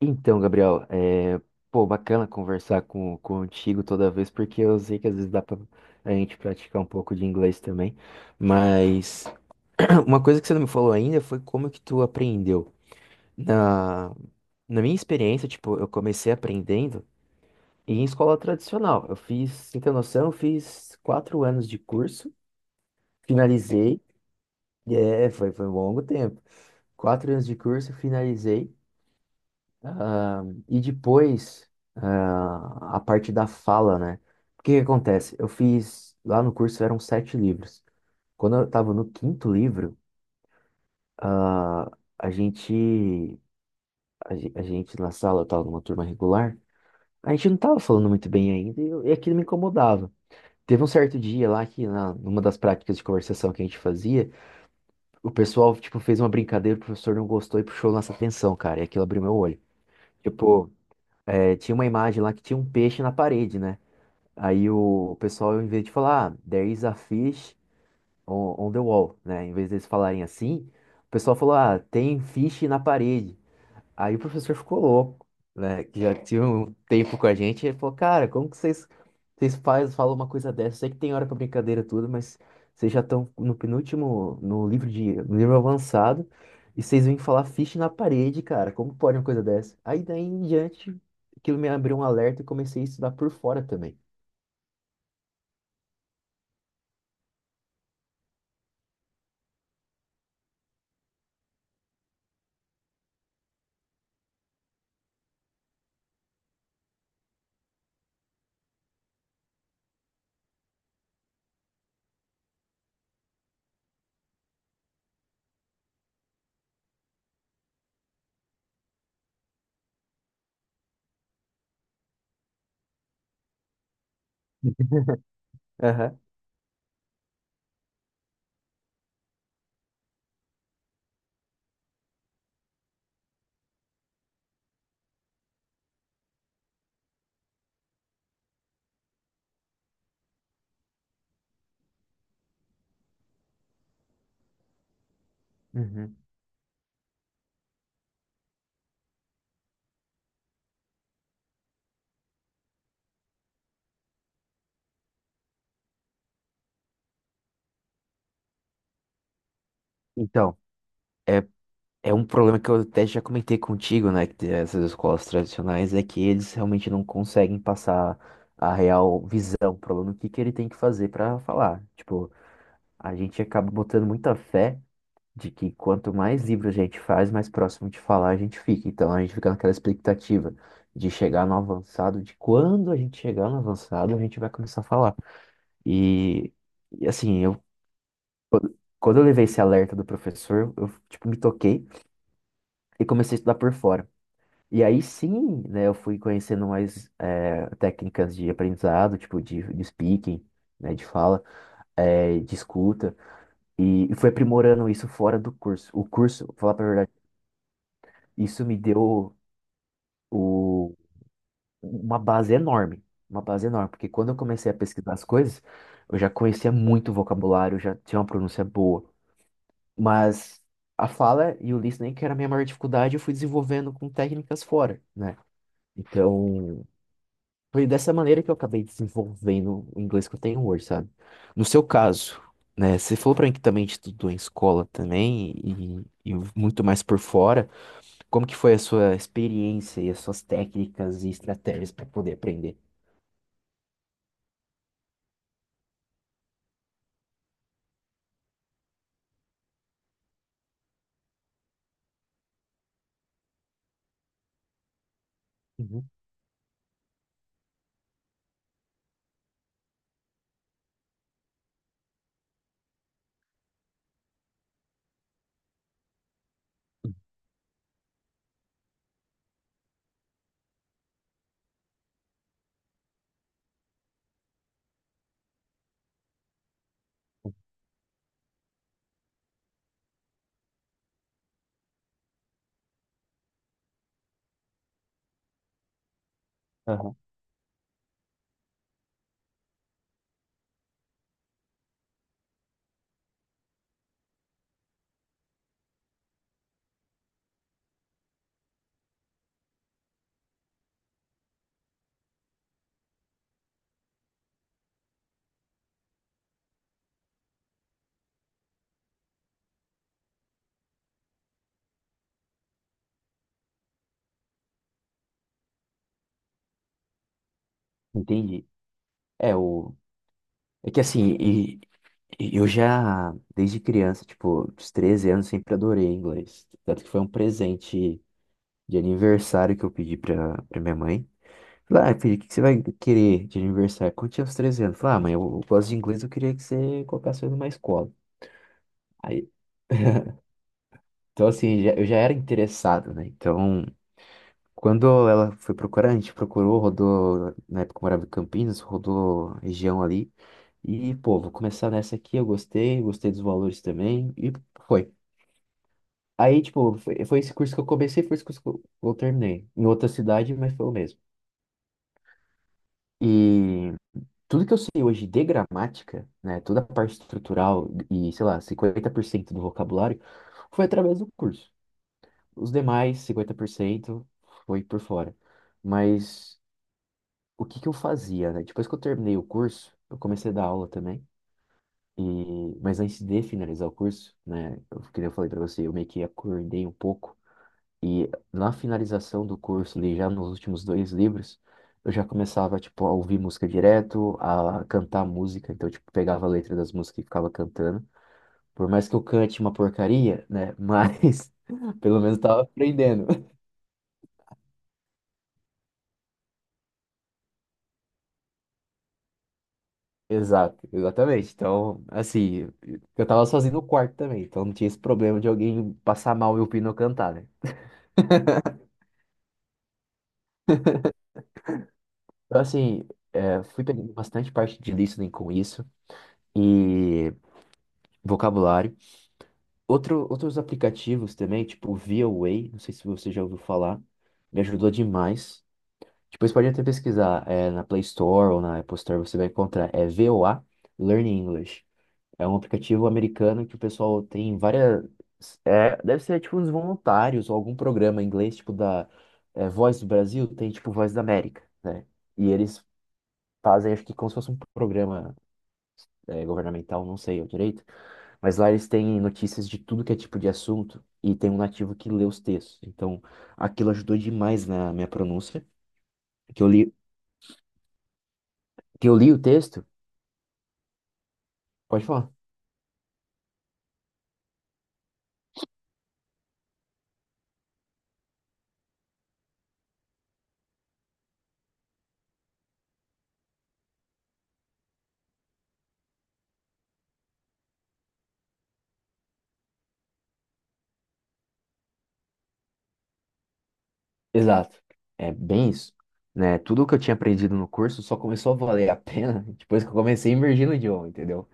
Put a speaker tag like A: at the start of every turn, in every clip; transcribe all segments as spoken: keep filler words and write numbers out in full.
A: Então, Gabriel, é, pô, bacana conversar com, contigo toda vez, porque eu sei que às vezes dá pra a gente praticar um pouco de inglês também, mas uma coisa que você não me falou ainda foi como que tu aprendeu. Na, Na minha experiência, tipo, eu comecei aprendendo em escola tradicional. Eu fiz, sem ter noção, eu fiz quatro anos de curso, finalizei, é, foi, foi um longo tempo. Quatro anos de curso, finalizei, Ah, e depois, ah, a parte da fala, né? O que que acontece? Eu fiz, lá no curso eram sete livros. Quando eu estava no quinto livro, ah, a gente, a, ge- a gente na sala, eu estava numa turma regular, a gente não estava falando muito bem ainda e, eu- e aquilo me incomodava. Teve um certo dia lá que, na, numa das práticas de conversação que a gente fazia, o pessoal, tipo, fez uma brincadeira, o professor não gostou e puxou nossa atenção, cara, e aquilo abriu meu olho. Tipo, eh, tinha uma imagem lá que tinha um peixe na parede, né? Aí o pessoal, em vez de falar, ah, there is a fish on, on the wall, né? Em vez deles falarem assim, o pessoal falou, ah, tem fish na parede. Aí o professor ficou louco, né? Que já tinha um tempo com a gente, ele falou, cara, como que vocês, vocês faz, falam uma coisa dessa? Eu sei que tem hora pra brincadeira e tudo, mas vocês já estão no penúltimo, no livro de, no livro avançado, e vocês vêm falar fish na parede, cara, como pode uma coisa dessa? Aí daí em diante, aquilo me abriu um alerta e comecei a estudar por fora também. Uhum. Então, é um problema que eu até já comentei contigo, né? Que essas escolas tradicionais é que eles realmente não conseguem passar a real visão pro aluno, o que que ele tem que fazer para falar. Tipo, a gente acaba botando muita fé de que quanto mais livro a gente faz, mais próximo de falar a gente fica. Então, a gente fica naquela expectativa de chegar no avançado, de quando a gente chegar no avançado, a gente vai começar a falar. E, e assim, eu. Quando eu levei esse alerta do professor, eu, tipo, me toquei e comecei a estudar por fora. E aí sim, né, eu fui conhecendo mais eh, técnicas de aprendizado, tipo de, de speaking, né, de fala, eh, de escuta, e, e fui aprimorando isso fora do curso. O curso, vou falar pra verdade, isso me deu o, uma base enorme, uma base enorme, porque quando eu comecei a pesquisar as coisas, eu já conhecia muito vocabulário, já tinha uma pronúncia boa, mas a fala e o listening, que era a minha maior dificuldade, eu fui desenvolvendo com técnicas fora, né? Então, Foi dessa maneira que eu acabei desenvolvendo o inglês que eu tenho hoje, sabe? No seu caso, né, você falou pra mim que também estudou em escola também e, e muito mais por fora. Como que foi a sua experiência e as suas técnicas e estratégias para poder aprender? Uhum. Aham. Entendi. É, o... é que assim, e- e eu já, desde criança, tipo, dos treze anos, sempre adorei inglês. Tanto que foi um presente de aniversário que eu pedi pra, pra minha mãe. Falei, ah, filho, o que que você vai querer de aniversário? Quando tinha uns treze anos, falei, ah, mãe, eu, eu gosto de inglês, eu queria que você colocasse eu numa escola. Aí, então, assim, já- eu já era interessado, né? Então, quando ela foi procurar, a gente procurou, rodou, na época eu morava em Campinas, rodou região ali. E, pô, vou começar nessa aqui, eu gostei, gostei dos valores também, e foi. Aí, tipo, foi, foi esse curso que eu comecei, foi esse curso que eu, eu terminei. Em outra cidade, mas foi o mesmo. E tudo que eu sei hoje de gramática, né, toda a parte estrutural e, sei lá, cinquenta por cento do vocabulário foi através do curso. Os demais, cinquenta por cento foi por fora. Mas o que que eu fazia, né? Depois que eu terminei o curso, eu comecei a dar aula também. E, mas antes de finalizar o curso, né, eu, que nem eu falei para você, eu meio que acordei um pouco e na finalização do curso, ali já nos últimos dois livros, eu já começava, tipo, a ouvir música direto, a cantar música. Então, tipo, pegava a letra das músicas e ficava cantando. Por mais que eu cante uma porcaria, né? Mas pelo menos tava aprendendo. Exato, exatamente. Então, assim, eu tava sozinho no quarto também. Então não tinha esse problema de alguém passar mal e ouvindo eu cantar, né? Então, assim, é, fui pegando bastante parte de listening com isso. E vocabulário. Outro, outros aplicativos também, tipo o Way, não sei se você já ouviu falar, me ajudou demais. Depois pode até pesquisar, é, na Play Store ou na Apple Store você vai encontrar, é V O A Learn English. É um aplicativo americano que o pessoal tem várias, é, deve ser tipo uns voluntários ou algum programa em inglês, tipo da é, Voz do Brasil, tem tipo Voz da América, né? E eles fazem, acho que como se fosse um programa é, governamental, não sei ao direito, mas lá eles têm notícias de tudo que é tipo de assunto e tem um nativo que lê os textos. Então, aquilo ajudou demais na minha pronúncia, que eu li, que eu li o texto, pode falar. Exato. É bem isso, né? Tudo que eu tinha aprendido no curso só começou a valer a pena depois que eu comecei a imergir no idioma, entendeu?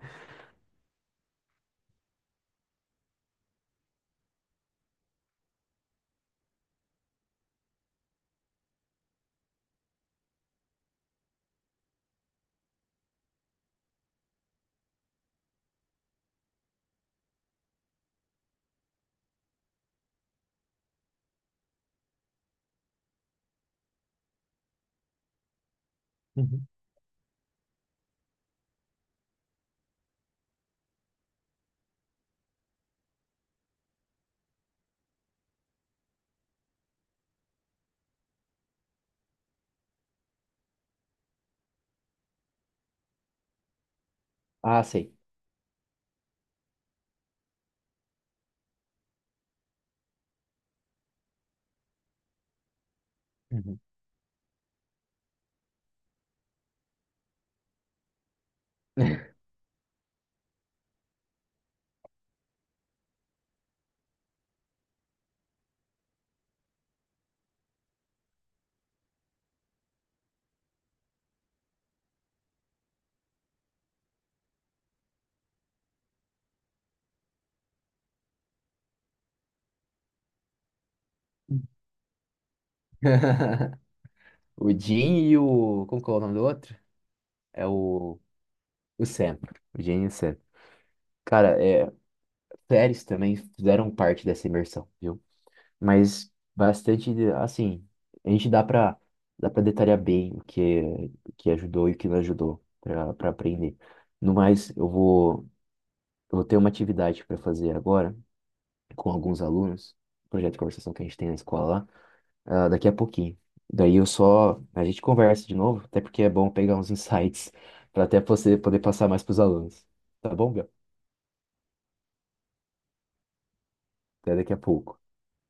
A: Uhum. Ah, sei. Uhum. O Jim e o. Como que é o nome do outro? É o. O Sam. O Jim e o Sam. Cara, é, séries também fizeram parte dessa imersão, viu? Mas bastante, assim, a gente dá pra, dá pra detalhar bem o que, o que ajudou e o que não ajudou pra pra aprender. No mais, eu vou, eu vou ter uma atividade para fazer agora com alguns alunos, um projeto de conversação que a gente tem na escola lá, ah, daqui a pouquinho. Daí eu só, a gente conversa de novo, até porque é bom pegar uns insights para até você poder passar mais para os alunos. Tá bom, Gabriel? Até daqui a pouco.